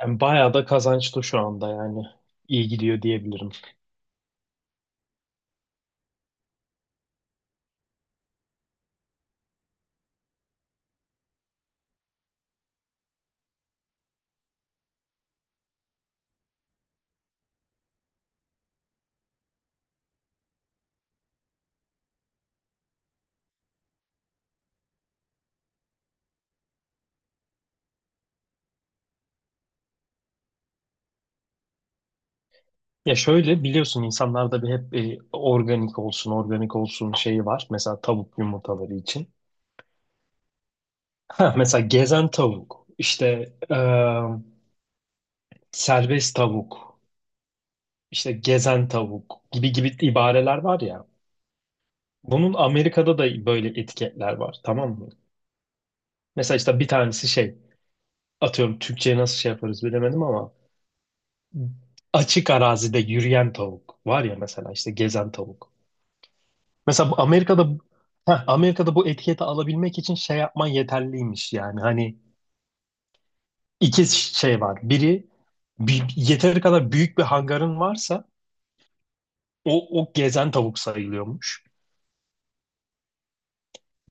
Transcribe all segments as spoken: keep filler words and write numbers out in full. Yani bayağı da kazançlı şu anda yani. İyi gidiyor diyebilirim. Ya şöyle biliyorsun, insanlarda bir hep e, organik olsun, organik olsun şeyi var. Mesela tavuk yumurtaları için. Ha, mesela gezen tavuk, işte e, serbest tavuk, işte gezen tavuk gibi gibi ibareler var ya. Bunun Amerika'da da böyle etiketler var, tamam mı? Mesela işte bir tanesi şey, atıyorum Türkçe'ye nasıl şey yaparız bilemedim ama açık arazide yürüyen tavuk var ya, mesela işte gezen tavuk. Mesela bu Amerika'da heh, Amerika'da bu etiketi alabilmek için şey yapman yeterliymiş yani. Hani iki şey var. Biri, bir, yeteri kadar büyük bir hangarın varsa o, o gezen tavuk sayılıyormuş.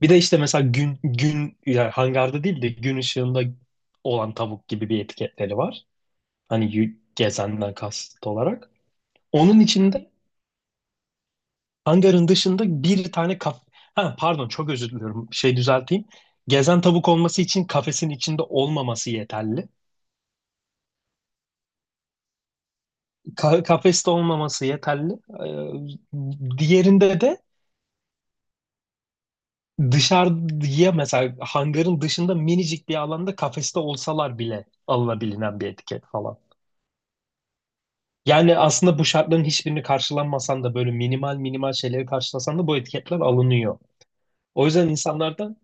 Bir de işte mesela gün gün yani hangarda değil de gün ışığında olan tavuk gibi bir etiketleri var. Hani yü- gezenden kasıt olarak. Onun içinde hangarın dışında bir tane kaf... Ha, pardon, çok özür diliyorum. Şey düzelteyim. Gezen tavuk olması için kafesin içinde olmaması yeterli. Ka- kafeste olmaması yeterli. Ee, diğerinde de dışarıya, mesela hangarın dışında minicik bir alanda kafeste olsalar bile alınabilinen bir etiket falan. Yani aslında bu şartların hiçbirini karşılanmasan da, böyle minimal minimal şeyleri karşılasan da bu etiketler alınıyor. O yüzden insanlardan...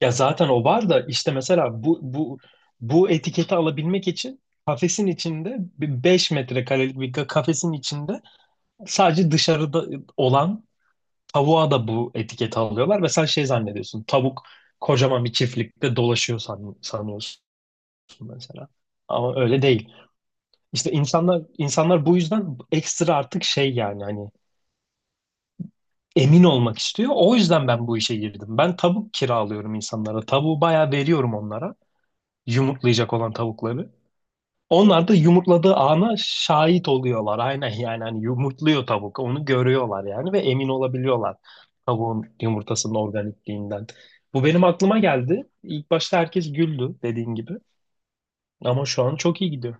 Ya zaten o var da, işte mesela bu bu bu etiketi alabilmek için kafesin içinde, bir beş metrekarelik bir ka- kafesin içinde, sadece dışarıda ıı, olan tavuğa da bu etiketi alıyorlar ve sen şey zannediyorsun, tavuk kocaman bir çiftlikte dolaşıyor san- sanıyorsun mesela. Ama öyle değil. İşte insanlar insanlar bu yüzden ekstra artık şey, yani hani emin olmak istiyor. O yüzden ben bu işe girdim. Ben tavuk kiralıyorum insanlara. Tavuğu bayağı veriyorum onlara, yumurtlayacak olan tavukları. Onlar da yumurtladığı ana şahit oluyorlar. Aynen, yani hani yumurtluyor tavuk. Onu görüyorlar yani ve emin olabiliyorlar tavuğun yumurtasının organikliğinden. Bu benim aklıma geldi. İlk başta herkes güldü dediğin gibi. Ama şu an çok iyi gidiyor.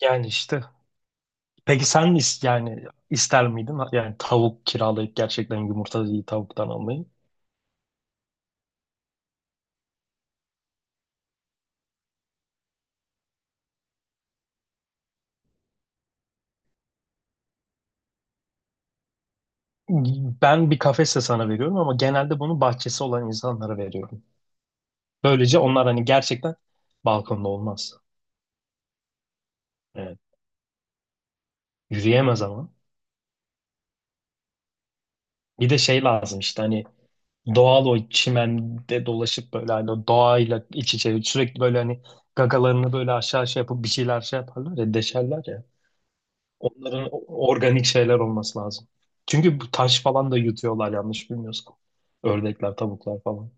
Yani işte. Peki sen is- yani ister miydin yani tavuk kiralayıp gerçekten yumurtayı tavuktan almayı? Ben bir kafese sana veriyorum ama genelde bunu bahçesi olan insanlara veriyorum. Böylece onlar hani gerçekten... Balkonda olmaz. Evet. Yürüyemez ama. Bir de şey lazım, işte hani doğal, o çimende dolaşıp böyle, hani o doğayla iç içe sürekli böyle, hani gagalarını böyle aşağı şey yapıp bir şeyler şey yaparlar ya, deşerler ya. Onların o- organik şeyler olması lazım. Çünkü bu taş falan da yutuyorlar yanlış bilmiyorsam. Ördekler, tavuklar falan.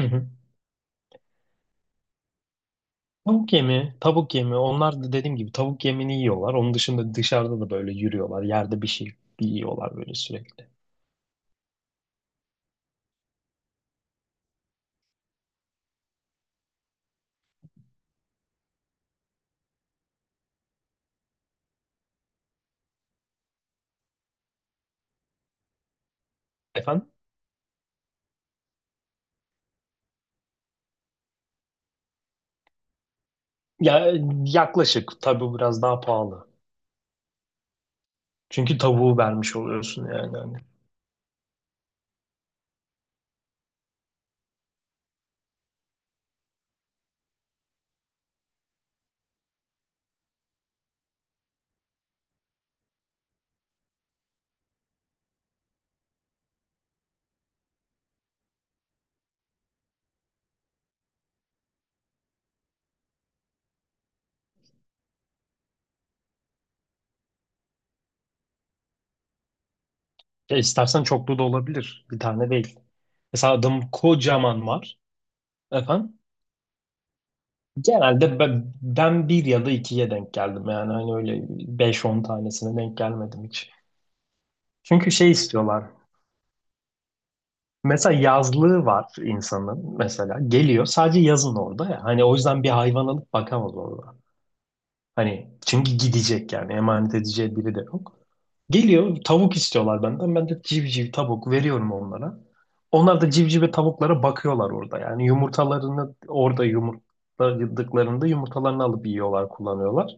Hı hı. Tavuk yemi, tavuk yemi. Onlar da dediğim gibi tavuk yemini yiyorlar. Onun dışında dışarıda da böyle yürüyorlar. Yerde bir şey yiyorlar böyle sürekli. Efendim? Ya, yaklaşık tabii, biraz daha pahalı. Çünkü tavuğu vermiş oluyorsun yani. Hani. Ya istersen çoklu da olabilir. Bir tane değil. Mesela adam kocaman var. Efendim? Genelde ben, ben bir ya da ikiye denk geldim. Yani hani öyle beş on tanesine denk gelmedim hiç. Çünkü şey istiyorlar. Mesela yazlığı var insanın mesela. Geliyor sadece yazın orada ya. Hani o yüzden bir hayvan alıp bakamaz orada. Hani çünkü gidecek, yani emanet edeceği biri de yok. Geliyor, tavuk istiyorlar benden. Ben de civciv tavuk veriyorum onlara. Onlar da civciv ve tavuklara bakıyorlar orada. Yani yumurtalarını orada yumurtladıklarında yumurtalarını alıp yiyorlar, kullanıyorlar.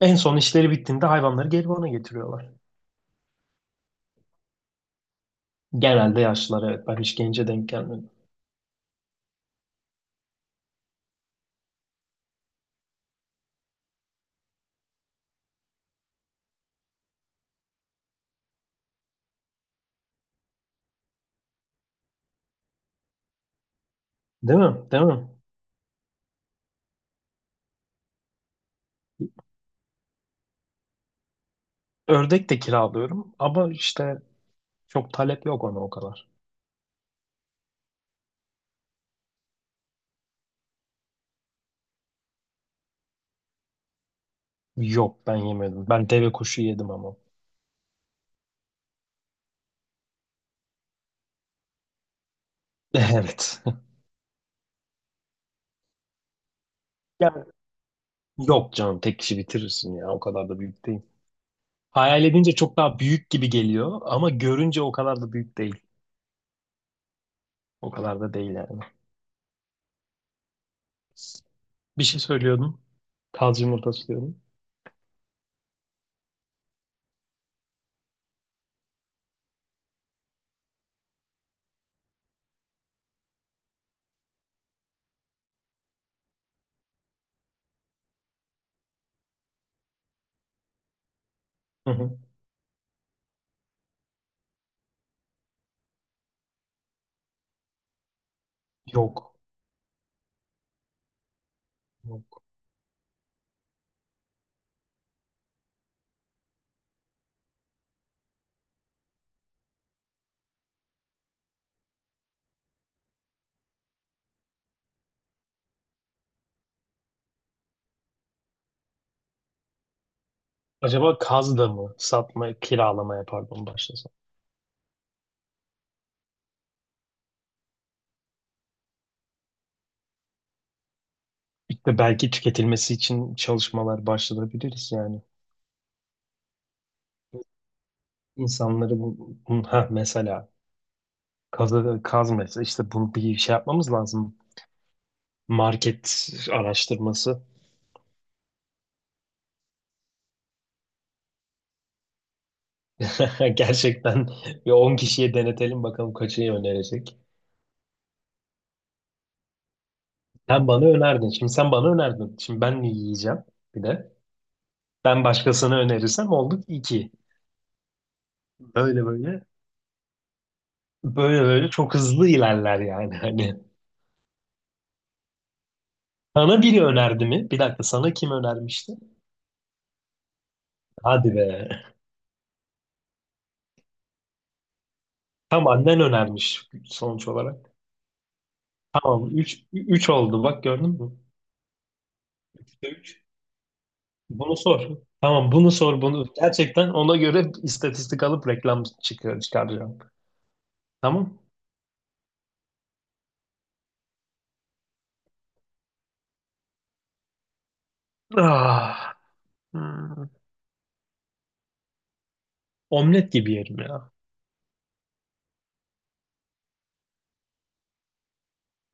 En son işleri bittiğinde hayvanları geri bana getiriyorlar. Genelde yaşlılar, evet. Ben hiç gence denk gelmedim. Değil mi? Değil mi? Ördek de kiralıyorum ama işte çok talep yok ona o kadar. Yok, ben yemedim. Ben deve kuşu yedim ama. Evet. Ya, yok canım, tek kişi bitirirsin ya, o kadar da büyük değil. Hayal edince çok daha büyük gibi geliyor ama görünce o kadar da büyük değil. O kadar da değil yani. Bir şey söylüyordum. Kaz yumurtası diyordum. Hı hı. Yok. Yok. Acaba kaz da mı? Satma, kiralamaya pardon, başlasam. İşte belki tüketilmesi için çalışmalar başlatabiliriz yani. İnsanları bu, bu- ha mesela kazı, kaz mesela, işte bunu bir şey yapmamız lazım. Market araştırması. Gerçekten bir on kişiye denetelim bakalım kaçı önerecek. Sen bana önerdin. Şimdi sen bana önerdin. Şimdi ben mi yiyeceğim bir de? Ben başkasına önerirsem olduk iki. Böyle böyle. Böyle böyle çok hızlı ilerler yani. Hani sana biri önerdi mi? Bir dakika, sana kim önermişti? Hadi be. Tam annen önermiş sonuç olarak. Tamam, üç üç oldu, bak gördün mü? üçte üç. Bunu sor. Tamam, bunu sor, bunu. Gerçekten ona göre istatistik alıp reklam çıkıyor, çıkaracağım. Tamam. Ah, hmm. Omlet gibi yerim ya.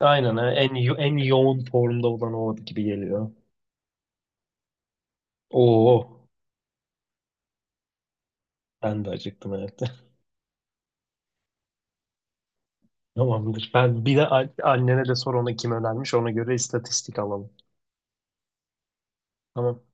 Aynen ha. en yo- en yoğun formda olan o gibi geliyor. Oo, ben de acıktım evet. Tamamdır. Ben bir de a- annene de sor, ona kim önermiş, ona göre istatistik alalım. Tamam.